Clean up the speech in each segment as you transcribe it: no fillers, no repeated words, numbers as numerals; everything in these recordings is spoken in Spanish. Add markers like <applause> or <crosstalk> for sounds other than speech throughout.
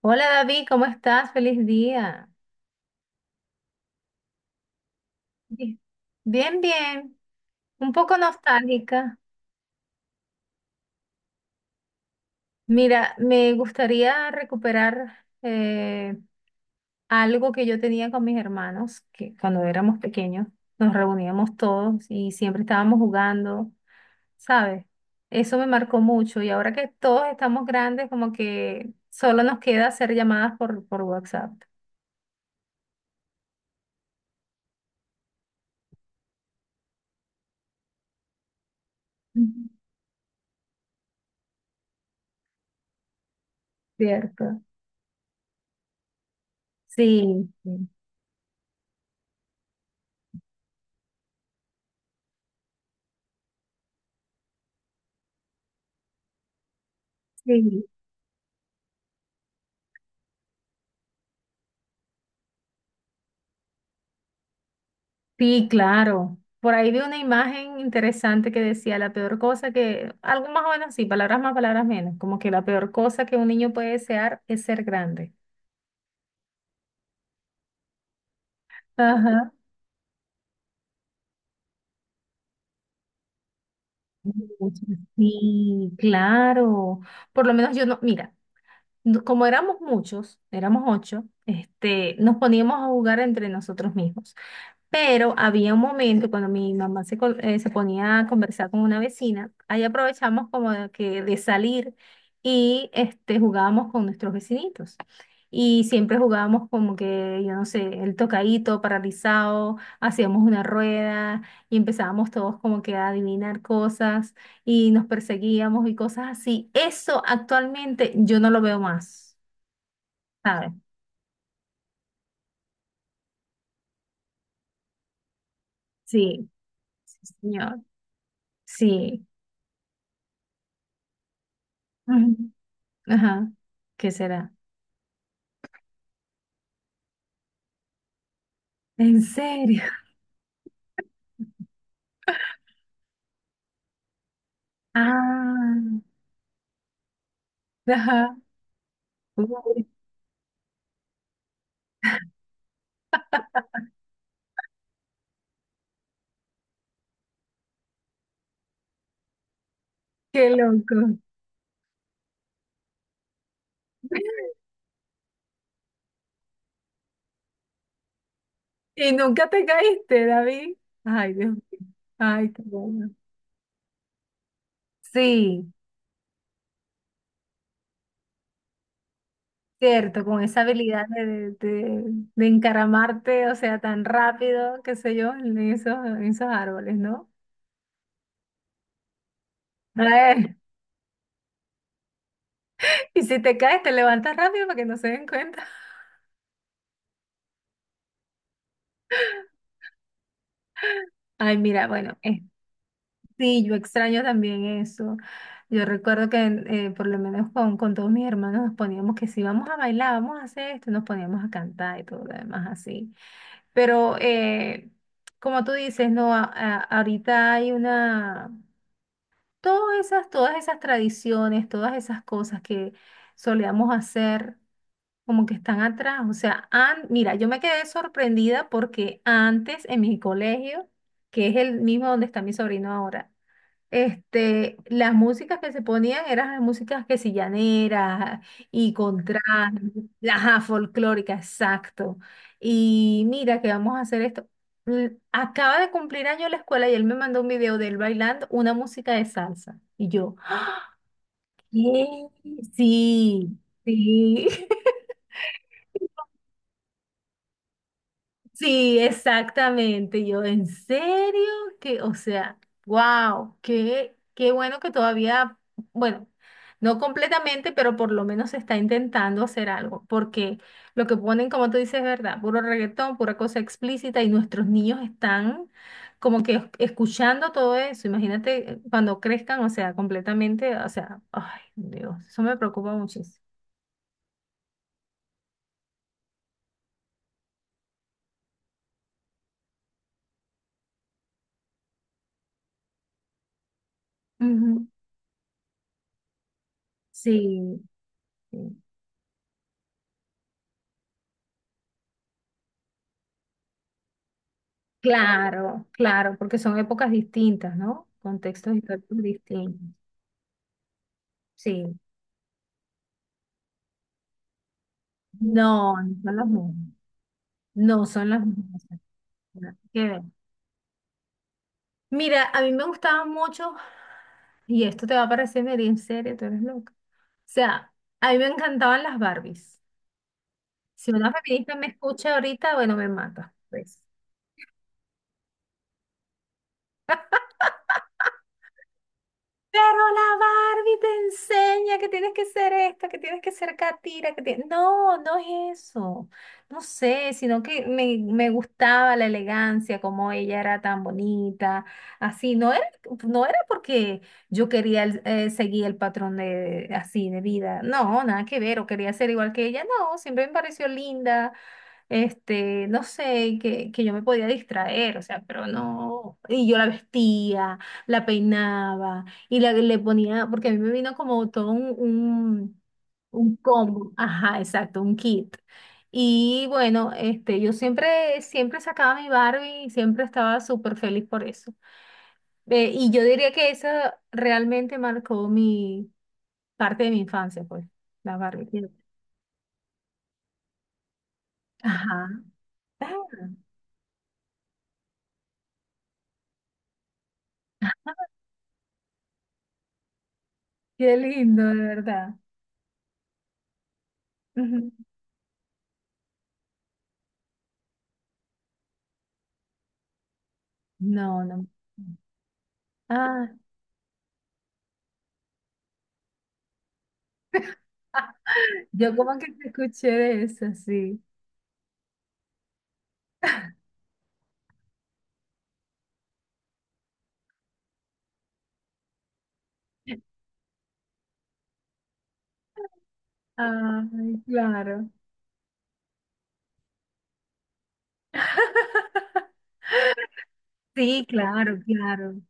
Hola David, ¿cómo estás? Feliz día. Bi- Bien, bien. Un poco nostálgica. Mira, me gustaría recuperar algo que yo tenía con mis hermanos, que cuando éramos pequeños nos reuníamos todos y siempre estábamos jugando, ¿sabes? Eso me marcó mucho y ahora que todos estamos grandes, como que solo nos queda hacer llamadas por WhatsApp. Ujú. Cierto. Sí, sí. Sí. Sí, claro. Por ahí vi una imagen interesante que decía la peor cosa que, algo más o menos así, palabras más, palabras menos, como que la peor cosa que un niño puede desear es ser grande. Ajá. <laughs> Mucho. Sí, claro. Por lo menos yo no, mira, como éramos muchos, éramos 8, este, nos poníamos a jugar entre nosotros mismos. Pero había un momento cuando mi mamá se, se ponía a conversar con una vecina, ahí aprovechamos como de que de salir y este, jugábamos con nuestros vecinitos. Y siempre jugábamos como que, yo no sé, el tocadito, paralizado, hacíamos una rueda y empezábamos todos como que a adivinar cosas y nos perseguíamos y cosas así. Eso actualmente yo no lo veo más, ¿sabes? Sí, sí, señor. Sí. Ujú. Ajá. ¿Qué será? ¿En serio? Ah, ajá. Uy, qué loco. ¿Y nunca te caíste, David? Ay, Dios mío. Ay, qué bueno. Sí, cierto, con esa habilidad de, de- de encaramarte, o sea, tan rápido, qué sé yo, en esos árboles, ¿no? Ay, <laughs> y si te caes, te levantas rápido para que no se den cuenta. Ay, mira, bueno, sí, yo extraño también eso. Yo recuerdo que por lo menos con todos mis hermanos nos poníamos que si vamos a bailar, vamos a hacer esto, nos poníamos a cantar y todo lo demás así. Pero como tú dices, no, ahorita hay una, todas esas tradiciones, todas esas cosas que solíamos hacer, como que están atrás. O sea, mira, yo me quedé sorprendida porque antes en mi colegio, que es el mismo donde está mi sobrino ahora, este, las músicas que se ponían eran las músicas que si llaneras y con traje, ajá, folclórica, exacto. Y mira que vamos a hacer esto. Acaba de cumplir año la escuela y él me mandó un video de él bailando una música de salsa. Y yo, ¿qué? Sí, sí. <laughs> Sí, exactamente. Yo, ¿en serio? Que, o sea, wow, qué, qué bueno que todavía, bueno, no completamente, pero por lo menos se está intentando hacer algo, porque lo que ponen, como tú dices, es verdad, puro reggaetón, pura cosa explícita, y nuestros niños están como que escuchando todo eso. Imagínate cuando crezcan, o sea, completamente, o sea, ay, Dios, eso me preocupa muchísimo. Ujú. Sí. Sí. Claro, claro, porque son épocas distintas, ¿no? Contextos históricos distintos. Sí. No, no son las mismas. No son las mismas. Nada que ver. Mira, a mí me gustaban mucho, y esto te va a parecer medio en serio, tú eres loca. O sea, a mí me encantaban las Barbies. Si una feminista me escucha ahorita, bueno, me mata pues. Pero la Barbie te enseña que tienes que ser esta, que tienes que ser catira, que tienes... No, no es eso. No sé, sino que me gustaba la elegancia, como ella era tan bonita, así. No era, no era porque yo quería seguir el patrón de, así de vida. No, nada que ver, o quería ser igual que ella. No, siempre me pareció linda, este, no sé, que yo me podía distraer, o sea, pero no. Y yo la vestía, la peinaba y la, le ponía, porque a mí me vino como todo un combo, ajá, exacto, un kit. Y bueno, este, yo siempre, siempre sacaba mi Barbie y siempre estaba súper feliz por eso. Y yo diría que eso realmente marcó mi parte de mi infancia, pues, la Barbie. Ajá. <laughs> Qué lindo, de verdad. Ujú. No, no. Ah, <laughs> yo como que te escuché de eso, sí. Ay, claro. Sí, claro, claro.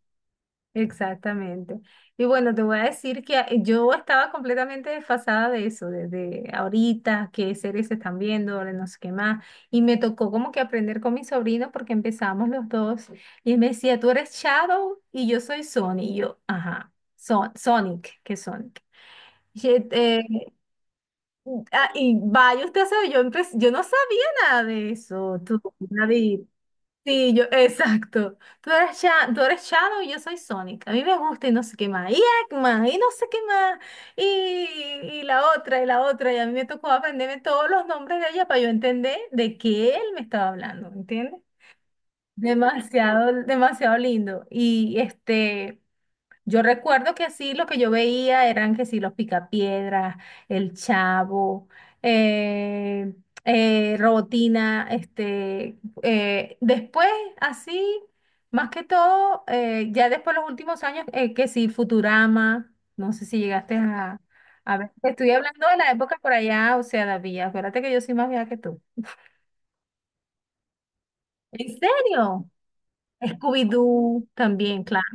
Exactamente. Y bueno, te voy a decir que yo estaba completamente desfasada de eso, desde ahorita, qué series se están viendo, ahora no sé qué más. Y me tocó como que aprender con mi sobrino porque empezamos los dos. Y él me decía, tú eres Shadow y yo soy Sonic. Y yo, ajá, Son Sonic, ¿qué es Sonic? Ah, y vaya, usted sabe, yo no sabía nada de eso, tú, David. Sí, yo, exacto. Tú eres, tú eres Shadow y yo soy Sonic. A mí me gusta y no sé qué más. Y Eggman, y no sé qué más. Y, y la otra, y la otra. Y a mí me tocó aprenderme todos los nombres de ella para yo entender de qué él me estaba hablando, ¿entiendes? Demasiado, demasiado lindo. Y este. Yo recuerdo que así lo que yo veía eran que sí, los Picapiedras, El Chavo, eh, Robotina, este, después así, más que todo, ya después los últimos años, que sí, Futurama, no sé si llegaste a ver, te estoy hablando de la época por allá, o sea, David, acuérdate que yo soy más vieja que tú. ¿En serio? Scooby-Doo también, claro.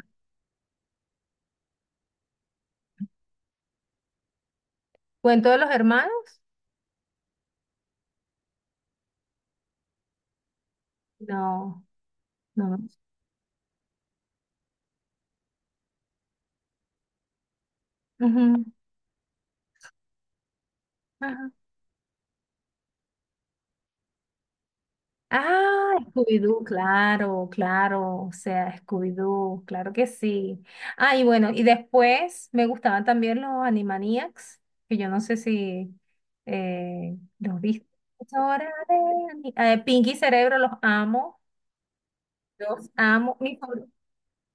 ¿Cuento de los hermanos? No, no. Ujú. Ajá. Ah, Scooby-Doo, claro, claro, o sea, Scooby-Doo, claro que sí. Ah, y bueno, y después me gustaban también los Animaniacs, que yo no sé si los viste. Es hora de Pinky y Cerebro, los amo,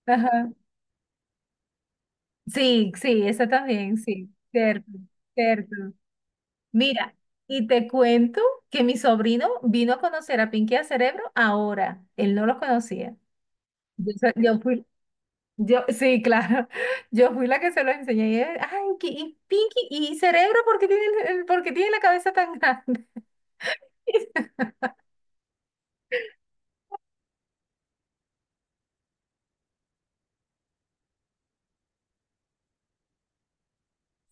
Ajá. Sí, sí, esa también, sí, cierto, cierto. Mira, y te cuento que mi sobrino vino a conocer a Pinky y a Cerebro ahora, él no los conocía. Yo, soy- yo fui Yo, sí, claro. <laughs> Yo fui la que se lo enseñé. Y él, ay, y Pinky, y cerebro, ¿por qué tiene, por qué tiene la cabeza tan grande? <laughs>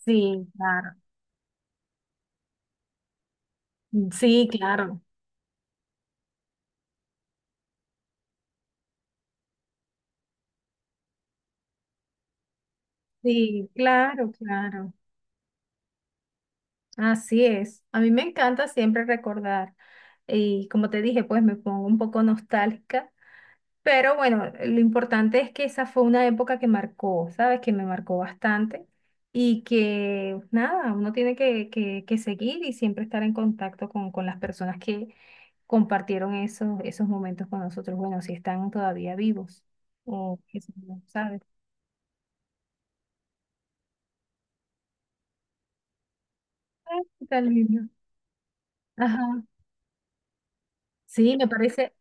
Sí, claro. Sí, claro. Sí, claro, claro. Así es. A mí me encanta siempre recordar. Y como te dije, pues me pongo un poco nostálgica. Pero bueno, lo importante es que esa fue una época que marcó, ¿sabes? Que me marcó bastante y que nada, uno tiene que seguir y siempre estar en contacto con las personas que compartieron esos, esos momentos con nosotros. Bueno, si están todavía vivos o qué sé yo, ¿sabes? Ah, qué tal, niño. Ajá. Sí, me parece.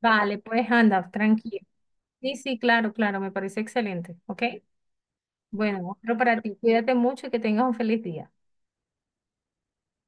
Vale, pues anda, tranquilo. Sí, sí, claro, claro, me parece excelente. ¿Ok? Bueno, otro para ti. Cuídate mucho y que tengas un feliz día.